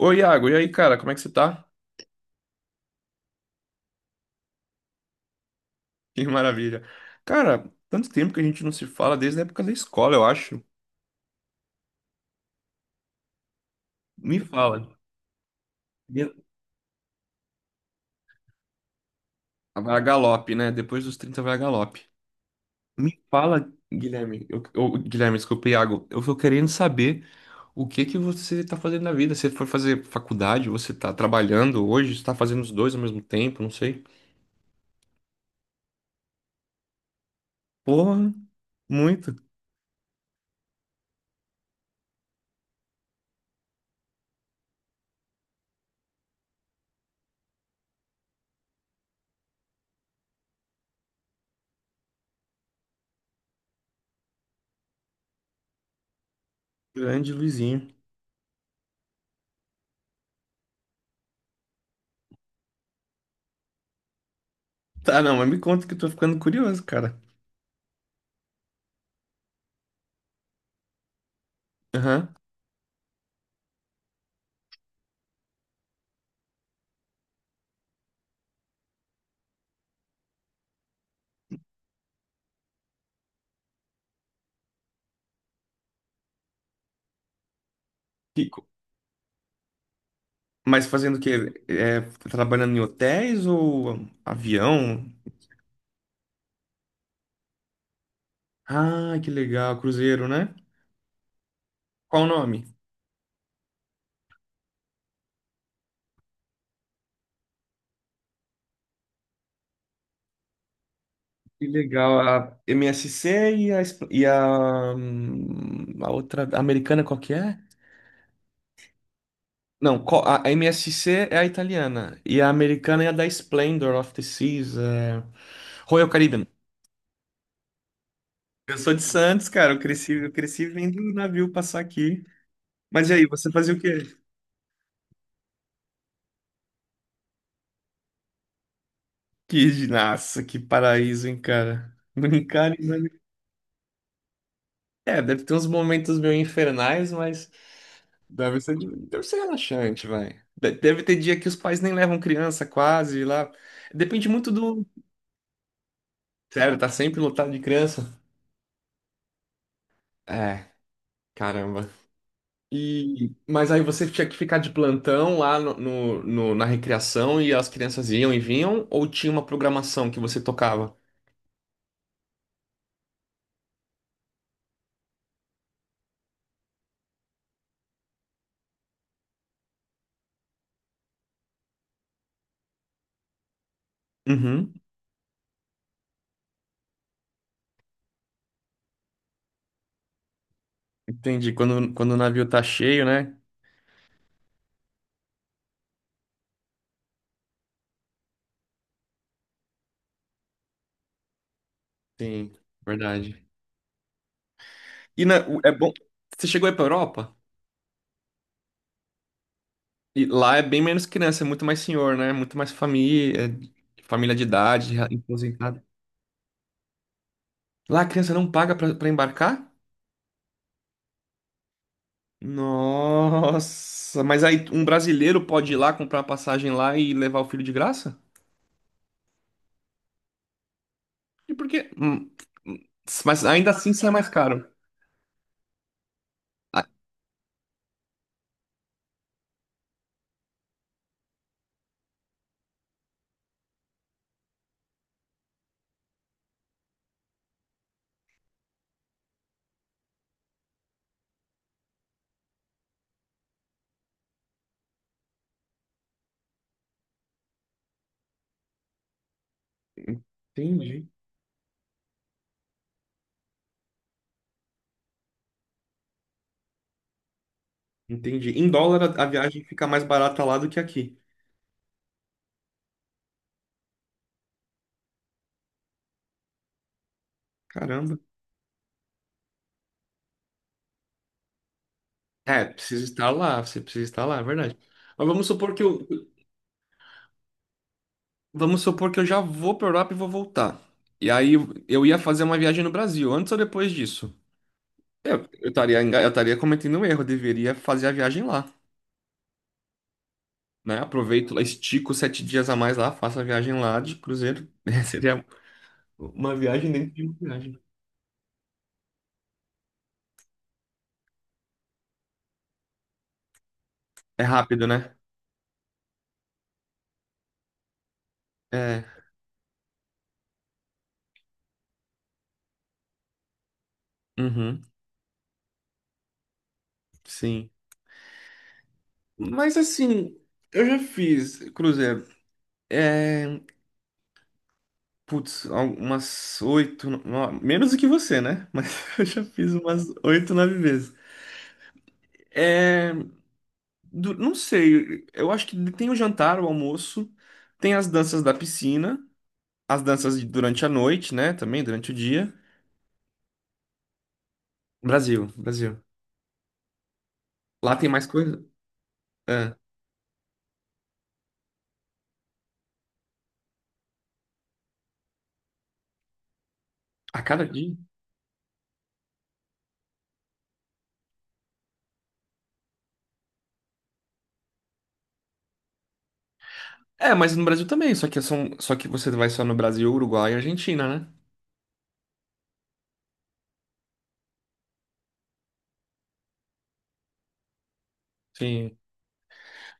Oi, Iago, e aí, cara, como é que você tá? Que maravilha. Cara, tanto tempo que a gente não se fala, desde a época da escola, eu acho. Me fala. Gu- Vai a galope, né? Depois dos 30 vai a galope. Me fala, Guilherme, eu- Guilherme, desculpa, Iago, eu tô querendo saber o que que você tá fazendo na vida. Você foi fazer faculdade, você tá trabalhando hoje, você tá fazendo os dois ao mesmo tempo, não sei. Porra, muito. Grande Luizinho. Tá, não, mas me conta que eu tô ficando curioso, cara. Aham. Mas fazendo o quê? É, trabalhando em hotéis ou avião? Ah, que legal, cruzeiro, né? Qual o nome? Que legal, a MSC e a outra, a americana, qual que é? Não, a MSC é a italiana e a americana é a da Splendor of the Seas, é... Royal Caribbean. Eu sou de Santos, cara, eu cresci vendo o navio passar aqui. Mas e aí, você fazia o quê? Que, nossa, que paraíso, hein, cara? Brincar. É, deve ter uns momentos meio infernais, mas deve ser, deve ser relaxante, vai. Deve ter dia que os pais nem levam criança quase lá. Depende muito do. Sério, tá sempre lotado de criança? É, caramba. E, mas aí você tinha que ficar de plantão lá na recreação e as crianças iam e vinham? Ou tinha uma programação que você tocava? Uhum, entendi. Quando o navio tá cheio, né? Sim, verdade. É bom. Você chegou aí pra Europa? E lá é bem menos criança, é muito mais senhor, né? Muito mais família, família de idade, aposentada. Lá a criança não paga pra embarcar? Nossa, mas aí um brasileiro pode ir lá comprar uma passagem lá e levar o filho de graça? E por quê? Hum, Mas ainda assim sai mais caro. Ah, entendi. Entendi. Em dólar a viagem fica mais barata lá do que aqui. Caramba. É, você precisa estar lá, é verdade. Mas vamos supor que o... Vamos supor que eu já vou para Europa e vou voltar. E aí eu ia fazer uma viagem no Brasil, antes ou depois disso? Eu estaria cometendo um erro, eu deveria fazer a viagem lá, né? Aproveito lá, estico sete dias a mais lá, faço a viagem lá de cruzeiro. Seria uma viagem dentro de uma viagem. É rápido, né? É. Uhum, sim. Mas assim, eu já fiz cruzeiro. É, putz, umas oito, menos do que você, né? Mas eu já fiz umas oito, nove vezes. É, não sei, eu acho que tem o jantar, o almoço, tem as danças da piscina, durante a noite, né? Também durante o dia. Brasil, Brasil. Lá tem mais coisa? É, a cada dia? É, mas no Brasil também, só que você vai só no Brasil, Uruguai e Argentina, né? Sim.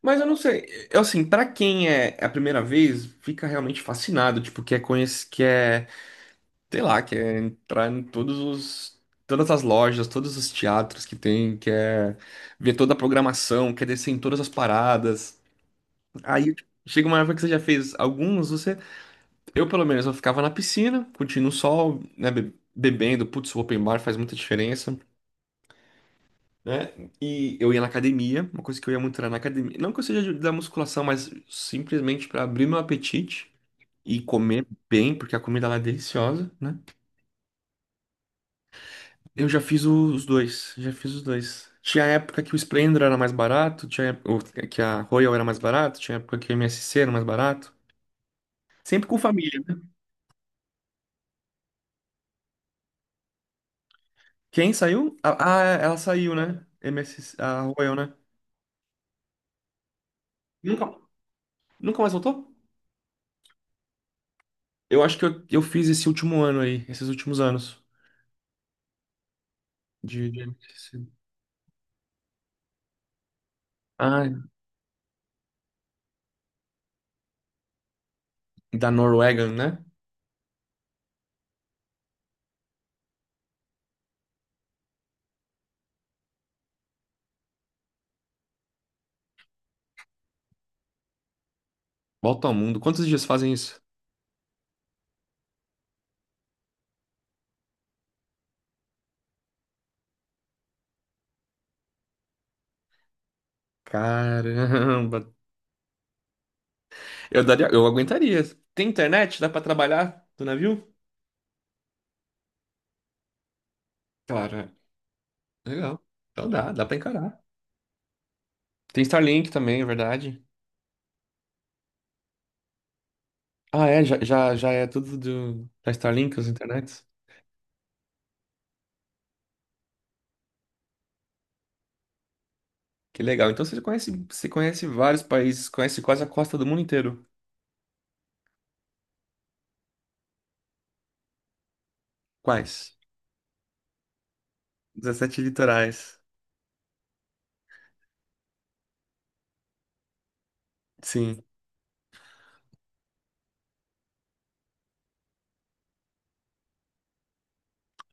Mas eu não sei, eu assim, pra quem é a primeira vez, fica realmente fascinado, tipo, quer conhecer, sei lá, quer entrar em todas as lojas, todos os teatros que tem, quer ver toda a programação, quer descer em todas as paradas. Aí chega uma época que você já fez alguns, você, eu pelo menos, eu ficava na piscina, curtindo o sol, né, bebendo, putz, o open bar faz muita diferença. Né? E eu ia na academia, uma coisa que eu ia muito era na academia. Não que eu seja da musculação, mas simplesmente para abrir meu apetite e comer bem, porque a comida lá é deliciosa, né? Eu já fiz os dois, já fiz os dois. Tinha época que o Splendor era mais barato, ou que a Royal era mais barato, tinha época que o MSC era mais barato. Sempre com família, né? Quem saiu? É, ela saiu, né? MSC, a Royal, né? Nunca, nunca mais voltou? Eu acho que eu fiz esse último ano aí, esses últimos anos de MSC. Ah, da Norwegian, né? Volta ao mundo. Quantos dias fazem isso? Caramba. Eu daria, eu aguentaria. Tem internet? Dá pra trabalhar do navio? Claro. Legal. Então dá, dá pra encarar. Tem Starlink também, é verdade. Ah, é, já é tudo do, da Starlink, as internets. Que legal. Então você conhece vários países, conhece quase a costa do mundo inteiro. Quais? 17 litorais. Sim.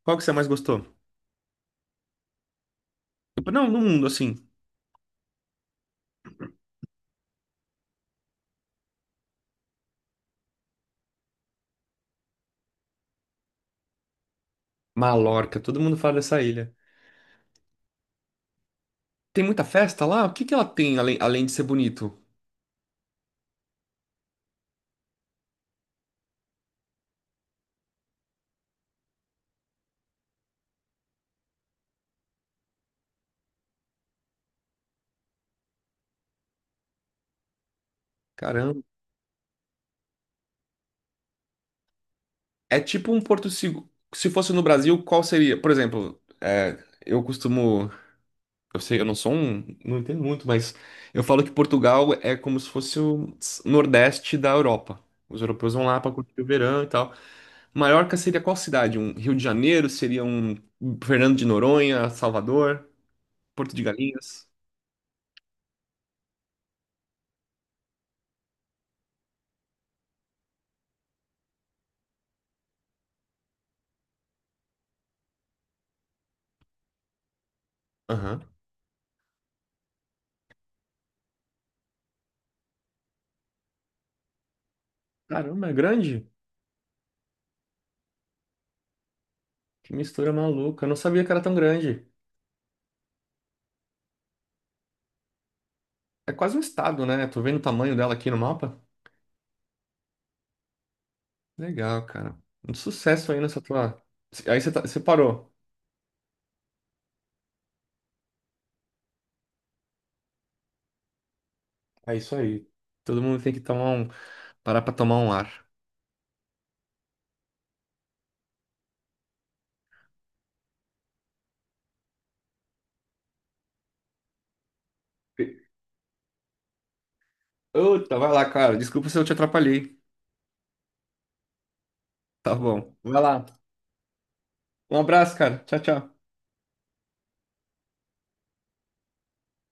Qual que você mais gostou? Tipo, não, no mundo, assim. Mallorca, todo mundo fala dessa ilha. Tem muita festa lá? O que que ela tem além, além de ser bonito? Caramba. É tipo um porto seguro. Se fosse no Brasil, qual seria? Por exemplo, é, eu costumo... Eu sei, eu não sou um, não entendo muito, mas eu falo que Portugal é como se fosse o Nordeste da Europa. Os europeus vão lá para curtir o verão e tal. Maiorca seria qual cidade? Um Rio de Janeiro? Seria um Fernando de Noronha, Salvador, Porto de Galinhas? Aham. Caramba, é grande? Que mistura maluca. Eu não sabia que era tão grande. É quase um estado, né? Tô vendo o tamanho dela aqui no mapa. Legal, cara. Um sucesso aí nessa tua. Aí você você parou. É isso aí. Todo mundo tem que tomar um, parar pra tomar um ar. Outra, vai lá, cara. Desculpa se eu te atrapalhei. Tá bom. Vai lá. Um abraço, cara. Tchau, tchau.